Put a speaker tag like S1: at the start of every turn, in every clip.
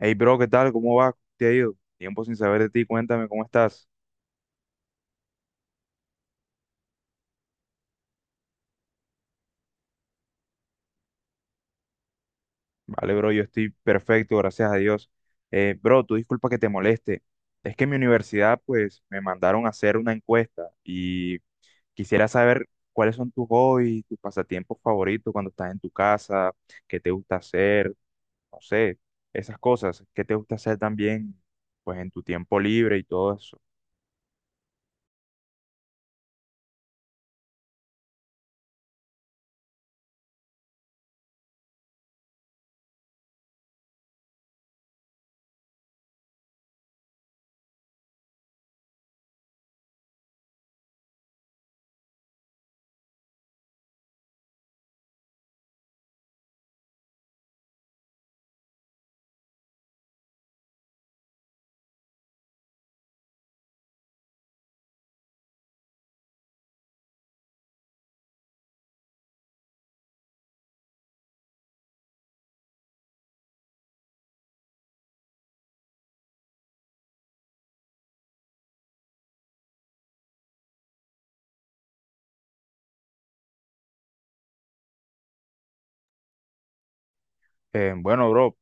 S1: Hey, bro, ¿qué tal? ¿Cómo va? ¿Cómo ¿Te ha ido? Tiempo sin saber de ti, cuéntame cómo estás. Vale, bro, yo estoy perfecto, gracias a Dios. Bro, tú disculpa que te moleste. Es que en mi universidad, pues, me mandaron a hacer una encuesta y quisiera saber cuáles son tus hobbies, tus pasatiempos favoritos cuando estás en tu casa, qué te gusta hacer, no sé, esas cosas, qué te gusta hacer también, pues, en tu tiempo libre y todo eso. Bueno, bro.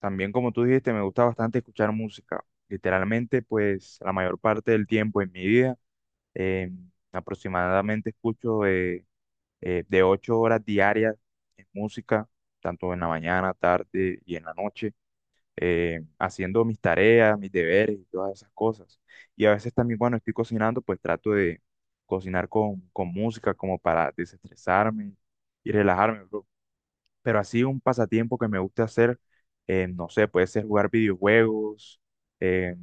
S1: También, como tú dijiste, me gusta bastante escuchar música. Literalmente, pues la mayor parte del tiempo en mi vida, eh, aproximadamente escucho de 8 horas diarias en música, tanto en la mañana, tarde y en la noche, haciendo mis tareas, mis deberes y todas esas cosas. Y a veces también cuando estoy cocinando, pues trato de cocinar con música como para desestresarme y relajarme. Pero así un pasatiempo que me gusta hacer, no sé, puede ser jugar videojuegos, eh,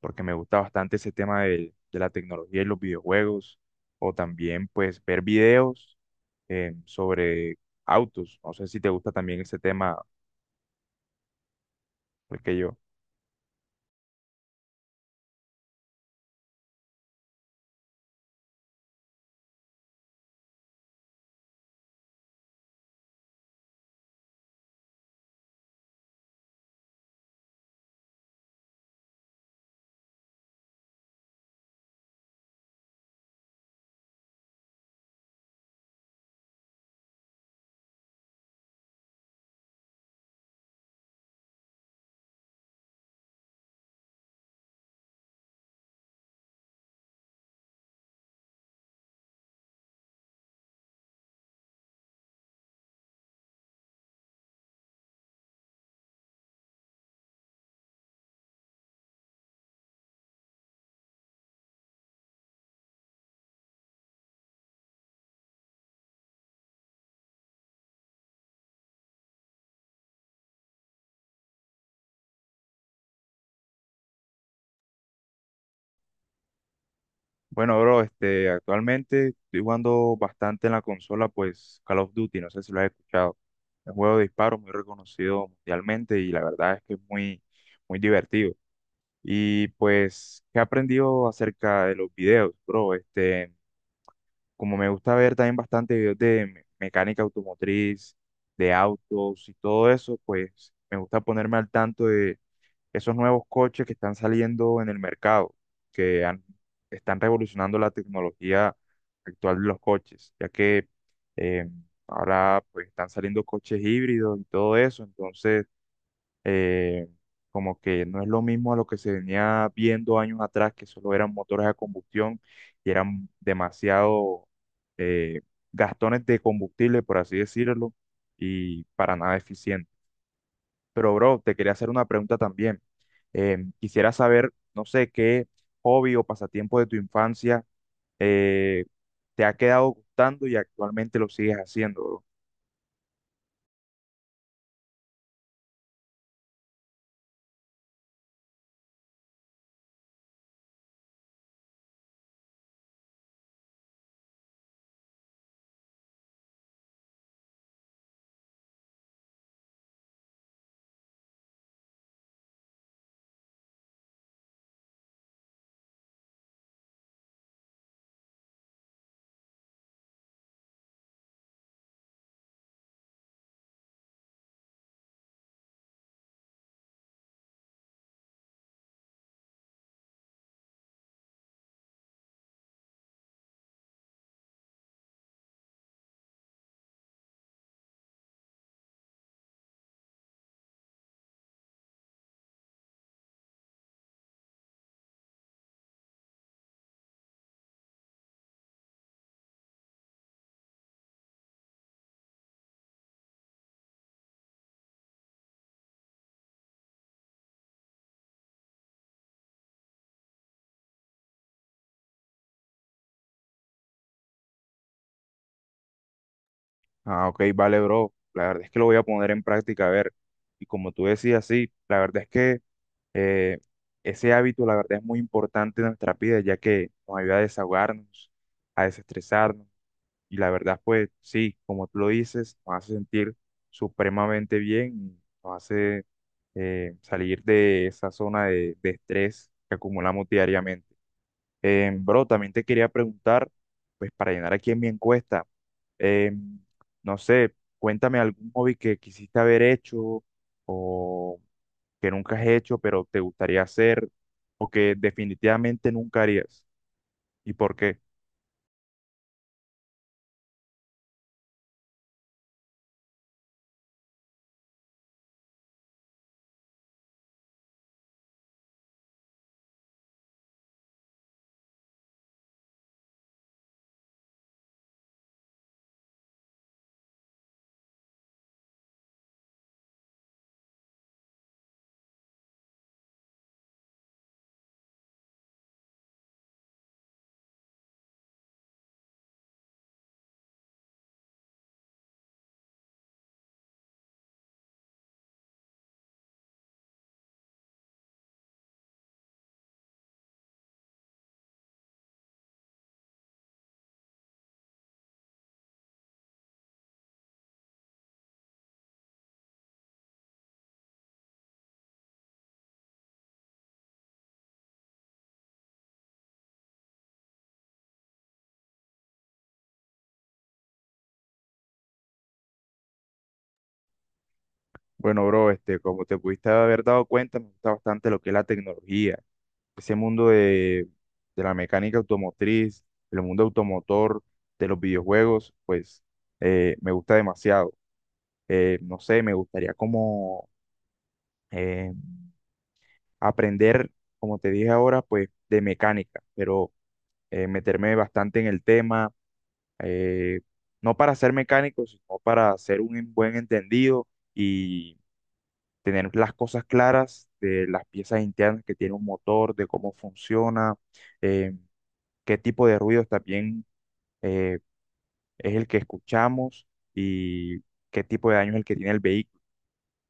S1: porque me gusta bastante ese tema de la tecnología y los videojuegos, o también pues ver videos sobre autos. No sé si te gusta también ese tema, pues que yo. Bueno, bro, este, actualmente estoy jugando bastante en la consola, pues Call of Duty, no sé si lo has escuchado. Es un juego de disparos muy reconocido mundialmente y la verdad es que es muy divertido. Y pues, ¿qué he aprendido acerca de los videos, bro? Este, como me gusta ver también bastante videos de mecánica automotriz, de autos y todo eso, pues me gusta ponerme al tanto de esos nuevos coches que están saliendo en el mercado, que han- están revolucionando la tecnología actual de los coches, ya que eh, ahora pues están saliendo coches híbridos y todo eso, entonces eh, como que no es lo mismo a lo que se venía viendo años atrás, que solo eran motores a combustión y eran demasiado eh, gastones de combustible, por así decirlo, y para nada eficiente. Pero, bro, te quería hacer una pregunta también. Quisiera saber, no sé, qué hobby o pasatiempo de tu infancia eh, te ha quedado gustando y actualmente lo sigues haciendo, bro. Ah, ok, vale, bro. La verdad es que lo voy a poner en práctica, a ver. Y como tú decías, sí, la verdad es que eh, ese hábito, la verdad, es muy importante en nuestra vida, ya que nos ayuda a desahogarnos, a desestresarnos. Y la verdad, pues sí, como tú lo dices, nos hace sentir supremamente bien, nos hace salir de esa zona de estrés que acumulamos diariamente. Bro, también te quería preguntar, pues para llenar aquí en mi encuesta, eh, no sé, cuéntame algún hobby que quisiste haber hecho o que nunca has hecho, pero te gustaría hacer o que definitivamente nunca harías. ¿Y por qué? Bueno, bro, este, como te pudiste haber dado cuenta, me gusta bastante lo que es la tecnología, ese mundo de la mecánica automotriz, el mundo automotor, de los videojuegos, pues me gusta demasiado. No sé, me gustaría como eh, aprender, como te dije ahora, pues de mecánica, pero meterme bastante en el tema, eh, no para ser mecánico, sino para ser buen entendido y tener las cosas claras de las piezas internas que tiene un motor, de cómo funciona, eh, qué tipo de ruidos también eh, es el que escuchamos y qué tipo de daño es el que tiene el vehículo.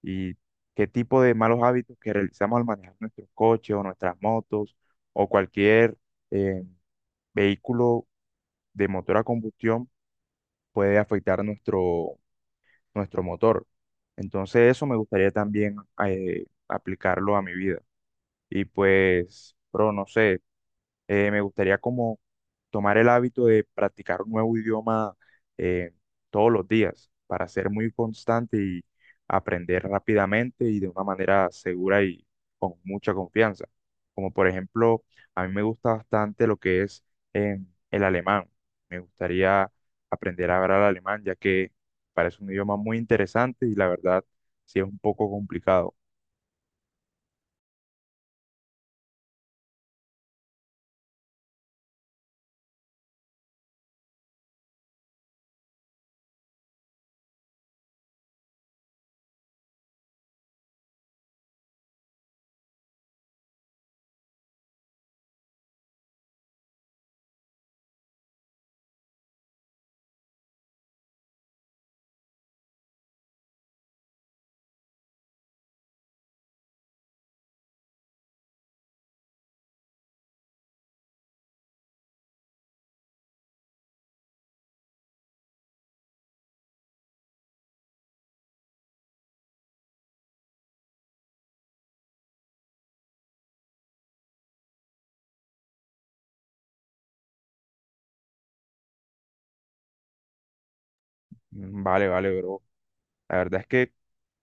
S1: Y qué tipo de malos hábitos que realizamos al manejar nuestros coches o nuestras motos o cualquier eh, vehículo de motor a combustión puede afectar nuestro motor. Entonces eso me gustaría también aplicarlo a mi vida. Y pues, pero no sé. Me gustaría como tomar el hábito de practicar un nuevo idioma eh, todos los días para ser muy constante y aprender rápidamente y de una manera segura y con mucha confianza. Como por ejemplo, a mí me gusta bastante lo que es eh, el alemán. Me gustaría aprender a hablar alemán ya que parece un idioma muy interesante y la verdad sí es un poco complicado. Mm, vale, bro. La verdad es que,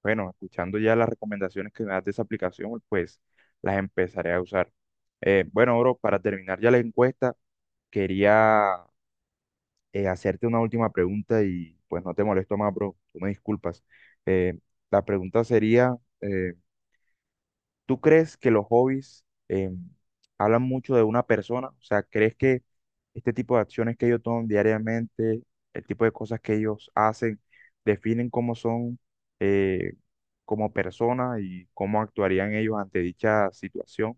S1: bueno, escuchando ya las recomendaciones que me das de esa aplicación, pues las empezaré a usar. Bueno, bro, para terminar ya la encuesta, quería hacerte una última pregunta y pues no te molesto más, bro, tú me disculpas. Eh, la pregunta sería, eh, ¿tú crees que los hobbies hablan mucho de una persona? O sea, ¿crees que este tipo de acciones que ellos toman diariamente, el tipo de cosas que ellos hacen, definen cómo son eh, como personas y cómo actuarían ellos ante dicha situación?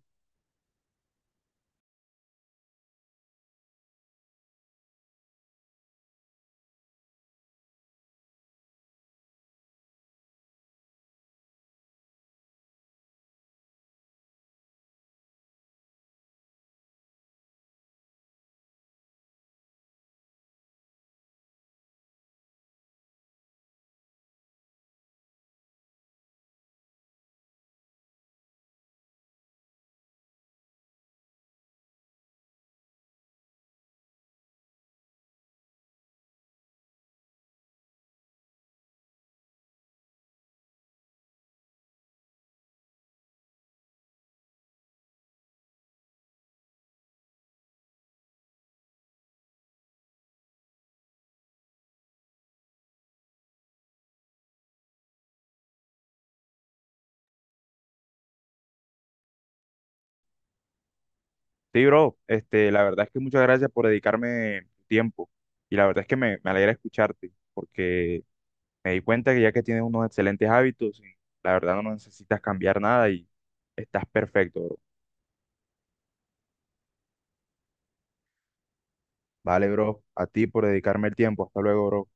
S1: Sí, bro, este, la verdad es que muchas gracias por dedicarme tu tiempo y la verdad es que me alegra escucharte porque me di cuenta que ya que tienes unos excelentes hábitos, la verdad no necesitas cambiar nada y estás perfecto, bro. Vale, bro, a ti por dedicarme el tiempo. Hasta luego, bro.